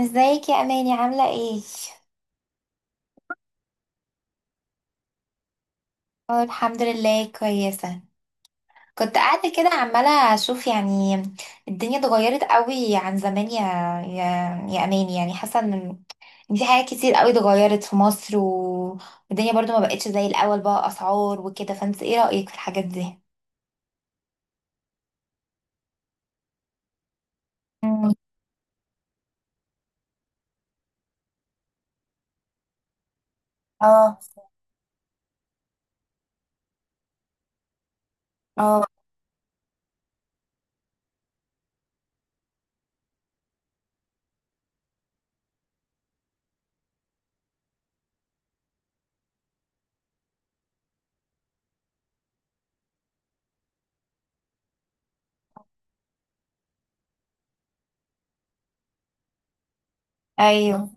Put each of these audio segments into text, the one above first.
ازيك يا اماني؟ عامله ايه؟ اه، الحمد لله كويسه. كنت قاعده كده عماله اشوف، يعني الدنيا اتغيرت قوي عن زمان، يا يا اماني. يعني حاسه إن في حاجات كتير قوي اتغيرت في مصر، والدنيا برضو ما بقتش زي الاول، بقى اسعار وكده. فانت ايه رايك في الحاجات دي؟ مم. اه، اه. ايوه،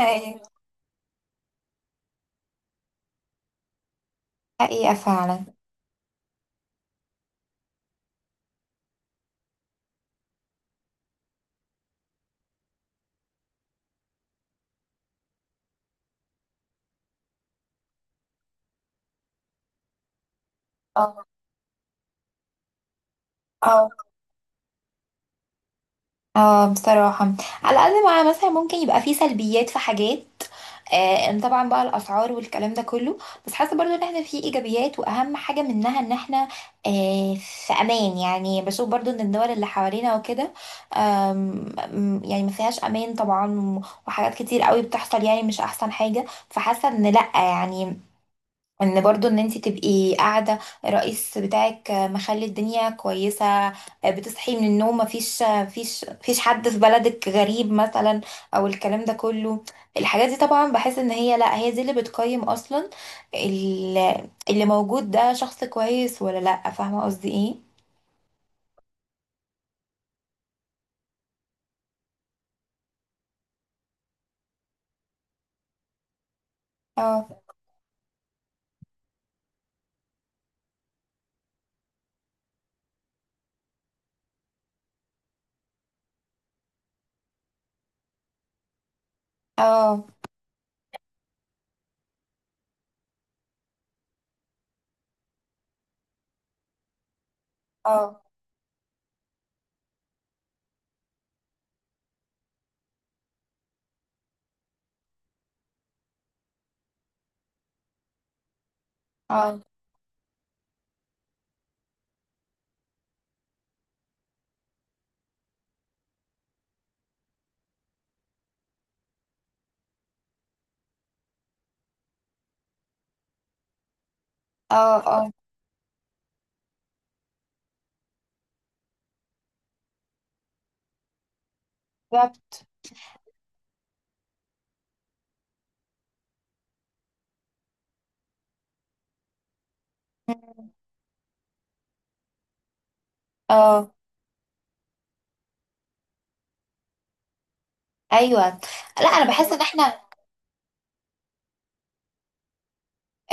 ايوه. حقيقه، فعلا. اه، اه، بصراحة. على قد ما مثلا ممكن يبقى فيه سلبيات في حاجات، إن طبعا بقى الأسعار والكلام ده كله، بس حاسة برضو ان احنا فيه ايجابيات، واهم حاجة منها ان احنا في امان. يعني بشوف برضو ان الدول اللي حوالينا وكده، آم، يعني ما فيهاش امان طبعا، وحاجات كتير قوي بتحصل، يعني مش احسن حاجة. فحاسة ان لأ، يعني ان برضو ان انت تبقي قاعده، الرئيس بتاعك مخلي الدنيا كويسه، بتصحي من النوم مفيش حد في بلدك غريب مثلا، او الكلام ده كله. الحاجات دي طبعا بحس ان هي، لا، هي دي اللي بتقيم اصلا اللي موجود ده شخص كويس ولا لا، فاهمه قصدي ايه؟ اه، اه، اه، اه، اه، اه، بالظبط، اه، ايوه. لا، انا بحس ان احنا،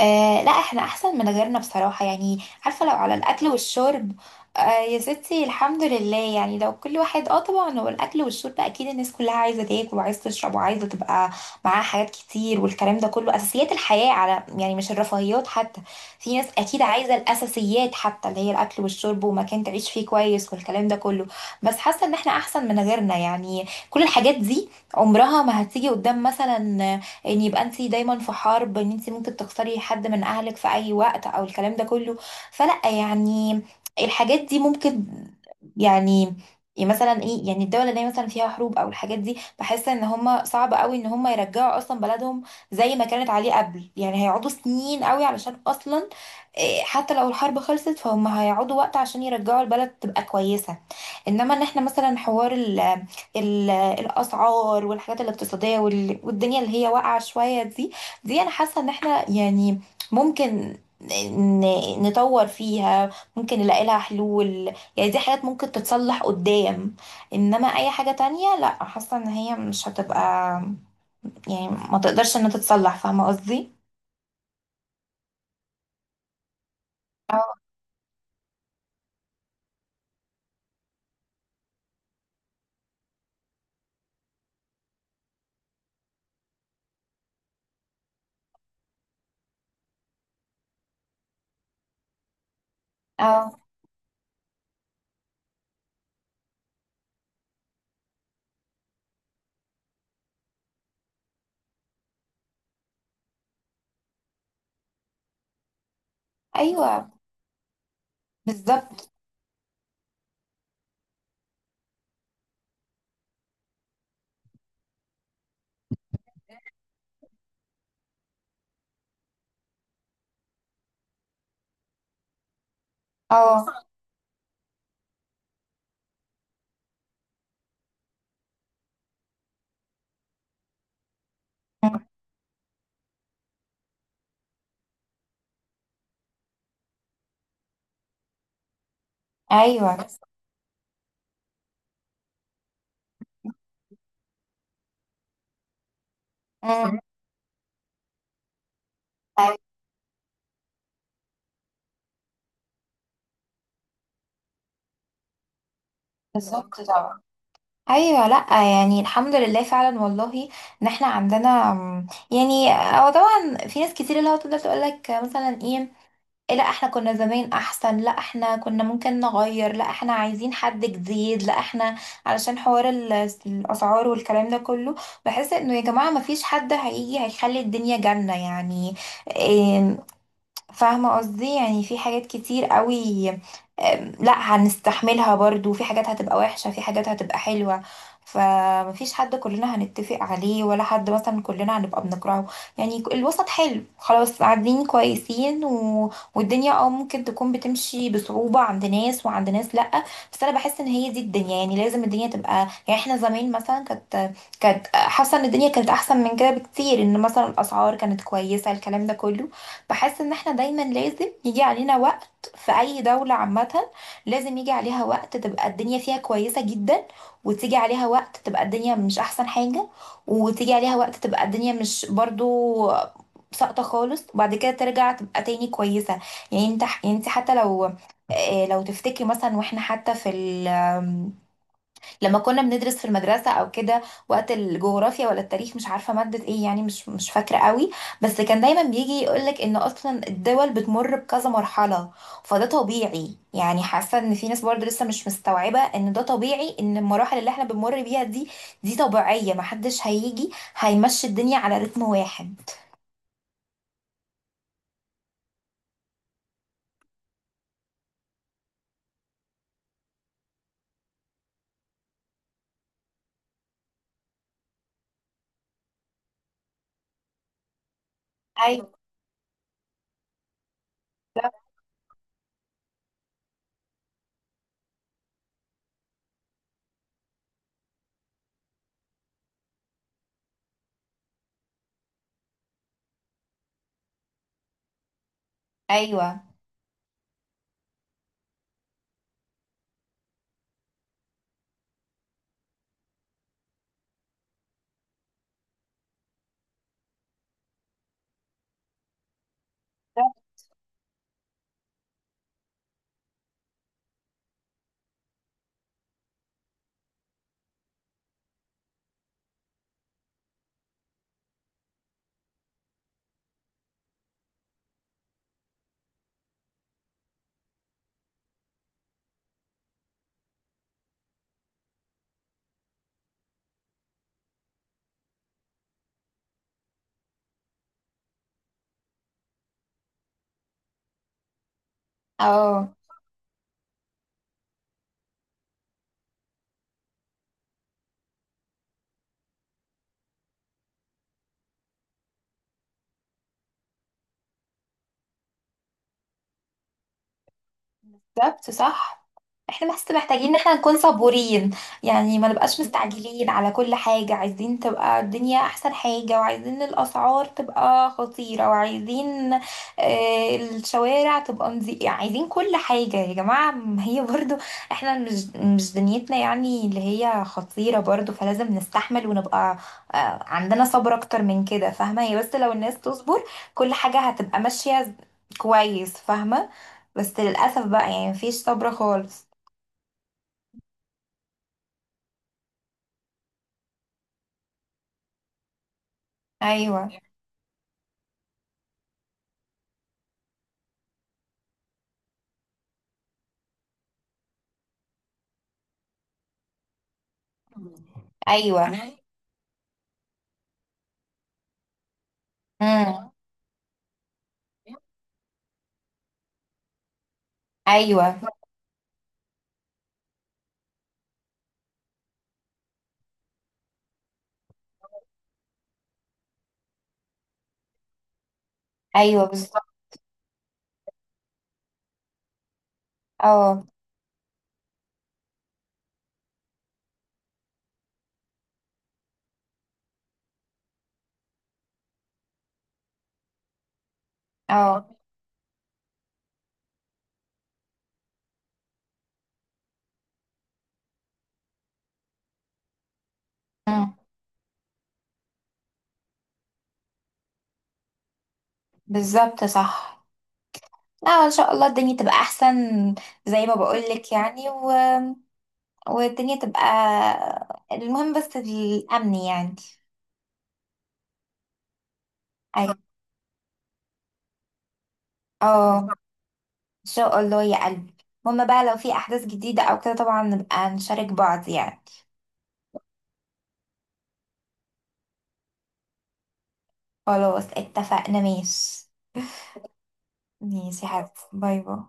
لا، احنا احسن من غيرنا بصراحة يعني. عارفة، لو على الاكل والشرب، يا ستي الحمد لله يعني. لو كل واحد، اه، طبعا هو الاكل والشرب، اكيد الناس كلها عايزة تاكل وعايزة تشرب وعايزة تبقى معاها حاجات كتير والكلام ده كله. اساسيات الحياة، على، يعني مش الرفاهيات حتى. في ناس اكيد عايزة الاساسيات حتى، اللي هي الاكل والشرب ومكان تعيش فيه كويس والكلام ده كله. بس حاسة ان احنا احسن من غيرنا. يعني كل الحاجات دي عمرها ما هتيجي قدام مثلا ان يبقى انت دايما في حرب، ان انت ممكن تخسري حد من اهلك في اي وقت او الكلام ده كله. فلا يعني، الحاجات دي ممكن، يعني، يعني مثلا ايه، يعني الدولة اللي هي مثلا فيها حروب او الحاجات دي، بحس ان هم صعب قوي ان هم يرجعوا اصلا بلدهم زي ما كانت عليه قبل. يعني هيقعدوا سنين قوي علشان اصلا إيه، حتى لو الحرب خلصت فهم هيقعدوا وقت عشان يرجعوا البلد تبقى كويسة. انما ان احنا مثلا، حوار ال ال الاسعار والحاجات الاقتصادية، والدنيا اللي هي واقعة شوية دي، دي انا حاسة ان احنا يعني ممكن نطور فيها، ممكن نلاقي لها حلول. يعني دي حاجات ممكن تتصلح قدام، انما اي حاجة تانية لا، حاسة ان هي مش هتبقى، يعني ما تقدرش انها تتصلح. فاهمة قصدي؟ اه، اه، ايوه، بالظبط، اه. مم. ايوه. مم. أيوة، بالظبط طبعا. ايوه، لا، يعني الحمد لله فعلا والله ان احنا عندنا، يعني هو طبعا في ناس كتير اللي هو تفضل تقول لك مثلا ايه، إيه، لا احنا كنا زمان احسن، لا احنا كنا ممكن نغير، لا احنا عايزين حد جديد، لا احنا، علشان حوار الاسعار والكلام ده كله. بحس انه يا جماعه ما فيش حد هيجي هيخلي الدنيا جنه يعني. إيه، فاهمة قصدي؟ يعني في حاجات كتير قوي، لا هنستحملها برضو. في حاجات هتبقى وحشة، في حاجات هتبقى حلوة. فمفيش حد كلنا هنتفق عليه، ولا حد مثلا كلنا هنبقى بنكرهه. يعني الوسط حلو، خلاص قاعدين كويسين، والدنيا اه ممكن تكون بتمشي بصعوبة عند ناس، وعند ناس لأ. بس انا بحس ان هي دي الدنيا. يعني لازم الدنيا تبقى، يعني احنا زمان مثلا كانت حاسة ان الدنيا كانت احسن من كده بكتير، ان مثلا الاسعار كانت كويسة الكلام ده كله. بحس ان احنا دايما لازم يجي علينا وقت في اي دولة عامة، لازم يجي عليها وقت تبقى الدنيا فيها كويسة جدا، وتيجي عليها وقت تبقى الدنيا مش احسن حاجة، وتيجي عليها وقت تبقى الدنيا مش برضو ساقطة خالص، وبعد كده ترجع تبقى تاني كويسة. يعني انت، يعني انت حتى لو، لو تفتكري مثلا واحنا حتى في، لما كنا بندرس في المدرسة او كده، وقت الجغرافيا ولا التاريخ، مش عارفة مادة ايه، يعني مش فاكرة قوي. بس كان دايما بيجي يقولك ان اصلا الدول بتمر بكذا مرحلة، فده طبيعي. يعني حاسة ان في ناس برضه لسه مش مستوعبة ان ده طبيعي، ان المراحل اللي احنا بنمر بيها دي، دي طبيعية. محدش هيجي هيمشي الدنيا على رتم واحد. ايوه، ايوه، اه، بالظبط صح. احنا بس محتاجين ان احنا نكون صبورين، يعني ما نبقاش مستعجلين على كل حاجة، عايزين تبقى الدنيا احسن حاجة، وعايزين الاسعار تبقى خطيرة، وعايزين، الشوارع تبقى نظيفة، يعني عايزين كل حاجة. يا جماعة، ما هي برضو احنا مش دنيتنا يعني اللي هي خطيرة برضو، فلازم نستحمل ونبقى، عندنا صبر اكتر من كده. فاهمة، هي بس لو الناس تصبر كل حاجة هتبقى ماشية كويس، فاهمة. بس للأسف بقى يعني مفيش صبر خالص. أيوة، أيوة، امم، أيوة، أيوة، بالظبط، اه، اه، امم، بالظبط صح. لا، إن شاء الله الدنيا تبقى أحسن زي ما بقولك، يعني والدنيا تبقى. المهم بس الأمن يعني. أيوة، اه، إن شاء الله يا قلبي. المهم بقى لو في أحداث جديدة أو كده طبعا نبقى نشارك بعض يعني. خلاص، اتفقنا، ماشي. ماشي يا حبيبتي، باي باي.